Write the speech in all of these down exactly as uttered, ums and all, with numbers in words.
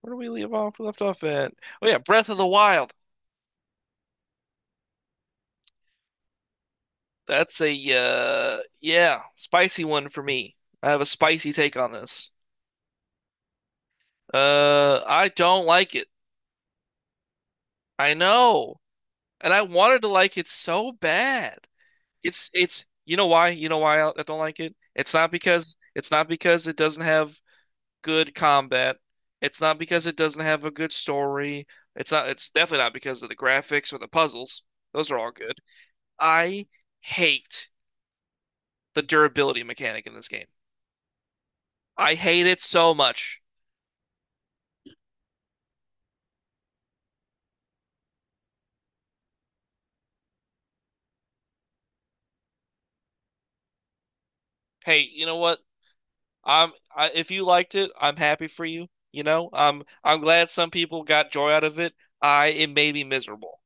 Where do we leave off? We left off at oh yeah, Breath of the Wild. That's a uh yeah, spicy one for me. I have a spicy take on this. Uh, I don't like it. I know, and I wanted to like it so bad. It's it's you know why? You know why I I don't like it? It's not because it's not because it doesn't have good combat. It's not because it doesn't have a good story. It's not. It's definitely not because of the graphics or the puzzles. Those are all good. I hate the durability mechanic in this game. I hate it so much. Hey, you know what? I'm I, if you liked it, I'm happy for you. You know, um, I'm glad some people got joy out of it. I it made me miserable.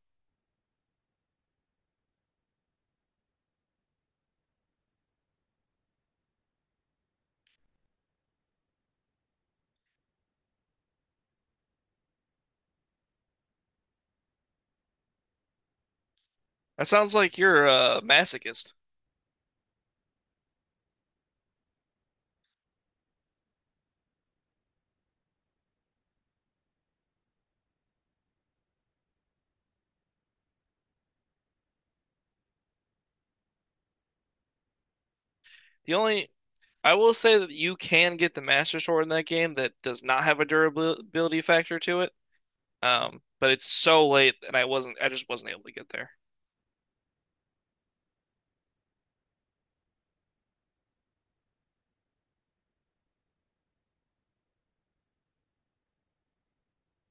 That sounds like you're a masochist. The only I will say that you can get the Master Sword in that game that does not have a durability factor to it. Um, but it's so late and I wasn't I just wasn't able to get there.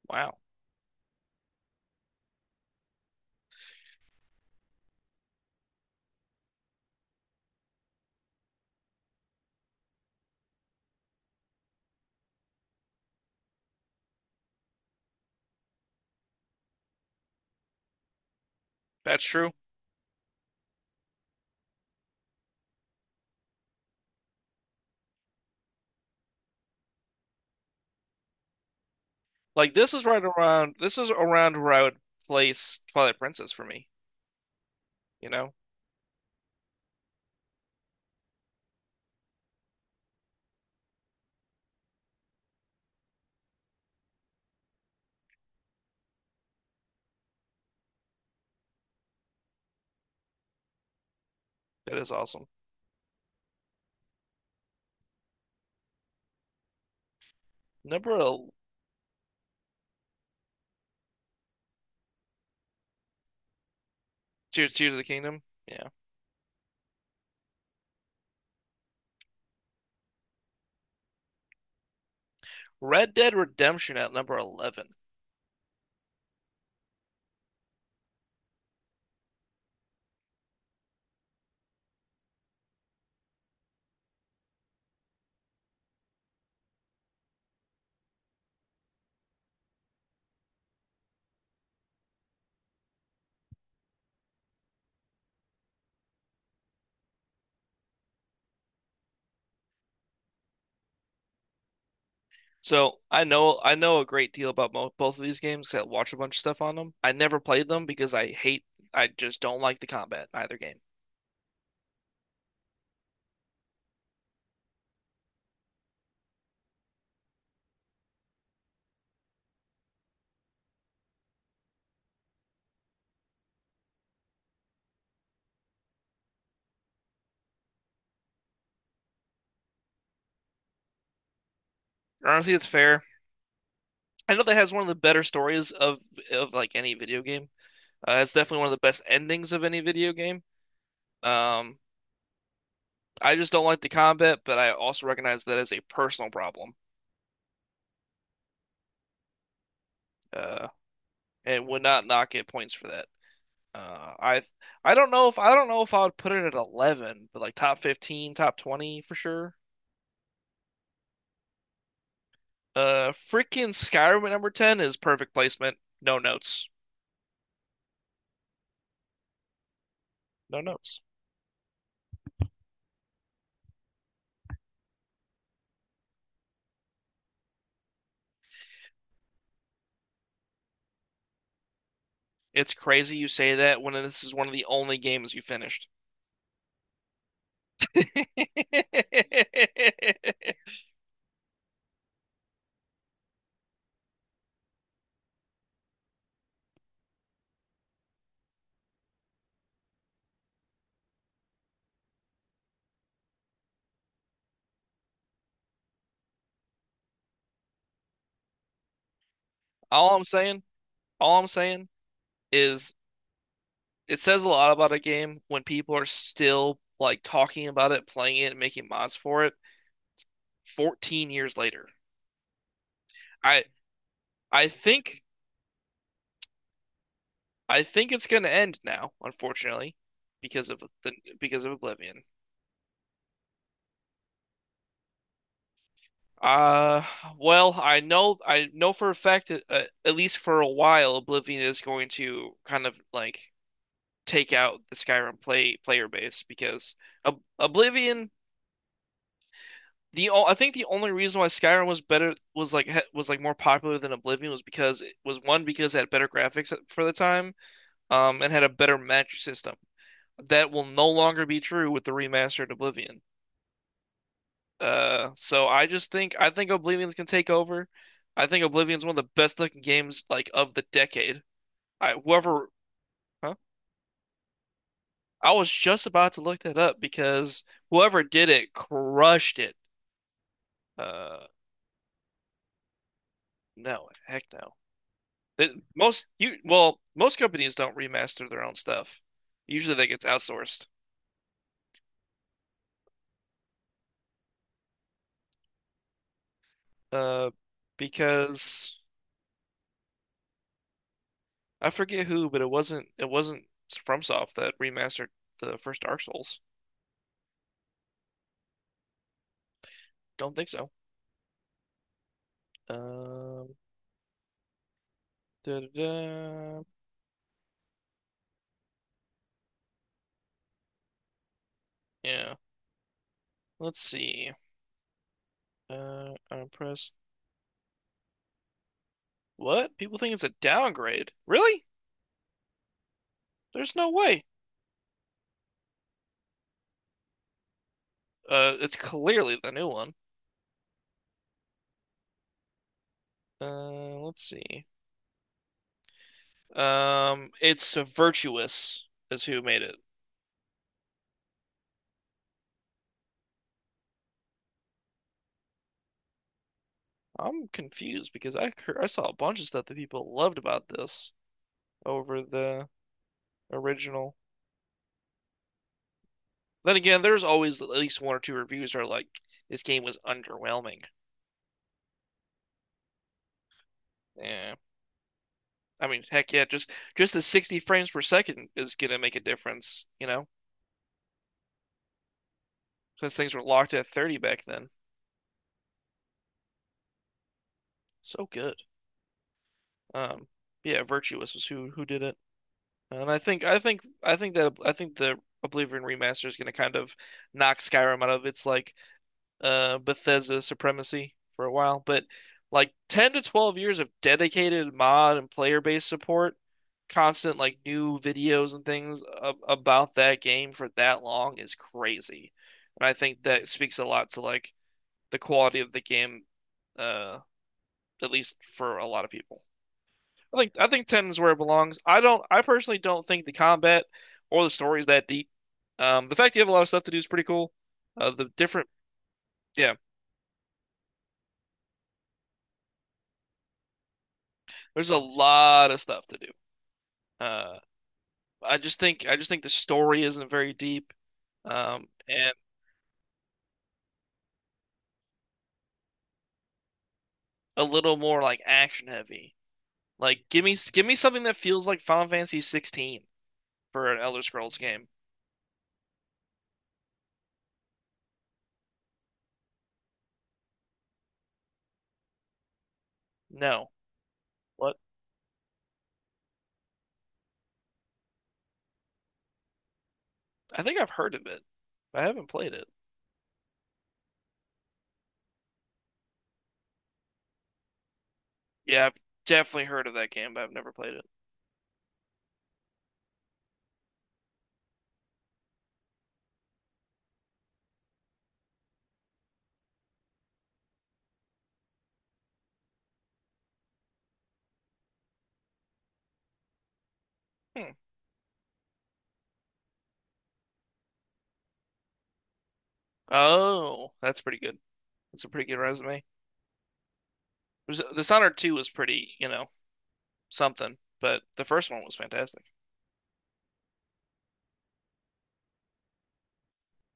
Wow. That's true. Like this is right around this is around where I would place Twilight Princess for me. You know, that is awesome. Number el- Tears Tears of the Kingdom. Yeah. Red Dead Redemption at number eleven. So I know I know a great deal about mo both of these games 'cause I watch a bunch of stuff on them. I never played them because I hate I just don't like the combat in either game. Honestly, it's fair. I know that has one of the better stories of of like any video game. Uh, it's definitely one of the best endings of any video game. Um, I just don't like the combat, but I also recognize that as a personal problem. Uh, and would not knock it points for that. Uh, I I don't know if I don't know if I would put it at eleven, but like top fifteen, top twenty for sure. Uh, freaking Skyrim at number ten is perfect placement. No notes. No notes. It's crazy you say that when this is one of the only games you finished. All I'm saying, all I'm saying is it says a lot about a game when people are still like talking about it, playing it, and making mods for it fourteen years later. I I think I think it's gonna end now, unfortunately, because of the because of Oblivion. Uh, well, I know I know for a fact that uh, at least for a while, Oblivion is going to kind of like take out the Skyrim play player base because Ob Oblivion. The o- I think the only reason why Skyrim was better was like ha- was like more popular than Oblivion was because it was one because it had better graphics for the time, um, and had a better magic system. That will no longer be true with the remastered Oblivion. Uh, so I just think I think Oblivion's can take over. I think Oblivion's one of the best looking games like of the decade. I whoever huh? I was just about to look that up because whoever did it crushed it. Uh, no, heck no. That most you well, most companies don't remaster their own stuff. Usually that gets outsourced. Uh, because I forget who, but it wasn't it wasn't FromSoft that remastered the first Dark Souls. Don't think so. Um, Da-da-da. Yeah. Let's see. Uh, I'm press. What? People think it's a downgrade. Really? There's no way. Uh, it's clearly the new one. Uh, let's see. Um, it's Virtuous is who made it. I'm confused because I I saw a bunch of stuff that people loved about this over the original. Then again, there's always at least one or two reviews that are like, this game was underwhelming. Yeah. I mean, heck yeah, just just the sixty frames per second is gonna make a difference, you know, since things were locked at thirty back then. So good. Um, yeah, Virtuous was who who did it, and I think I think I think that I think the Oblivion remaster is gonna kind of knock Skyrim out of its like uh, Bethesda supremacy for a while, but like ten to twelve years of dedicated mod and player-based support, constant like new videos and things a about that game for that long is crazy. And I think that speaks a lot to like the quality of the game, uh, at least for a lot of people. I think I think ten is where it belongs. I don't I personally don't think the combat or the story is that deep. Um, the fact you have a lot of stuff to do is pretty cool. Uh, the different yeah, There's a lot of stuff to do. Uh, I just think I just think the story isn't very deep, um, and a little more like action heavy. Like give me give me something that feels like Final Fantasy sixteen for an Elder Scrolls game. No, what? I think I've heard of it, but I haven't played it. Yeah, I've definitely heard of that game, but I've never played it. Hmm. Oh, that's pretty good. That's a pretty good resume. There's- Dishonored two was pretty, you know, something, but the first one was fantastic.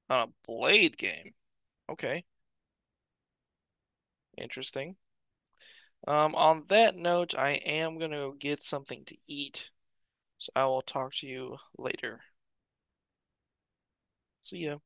On a Blade game. Okay. Interesting. Um, on that note, I am gonna go get something to eat, so I will talk to you later. See ya.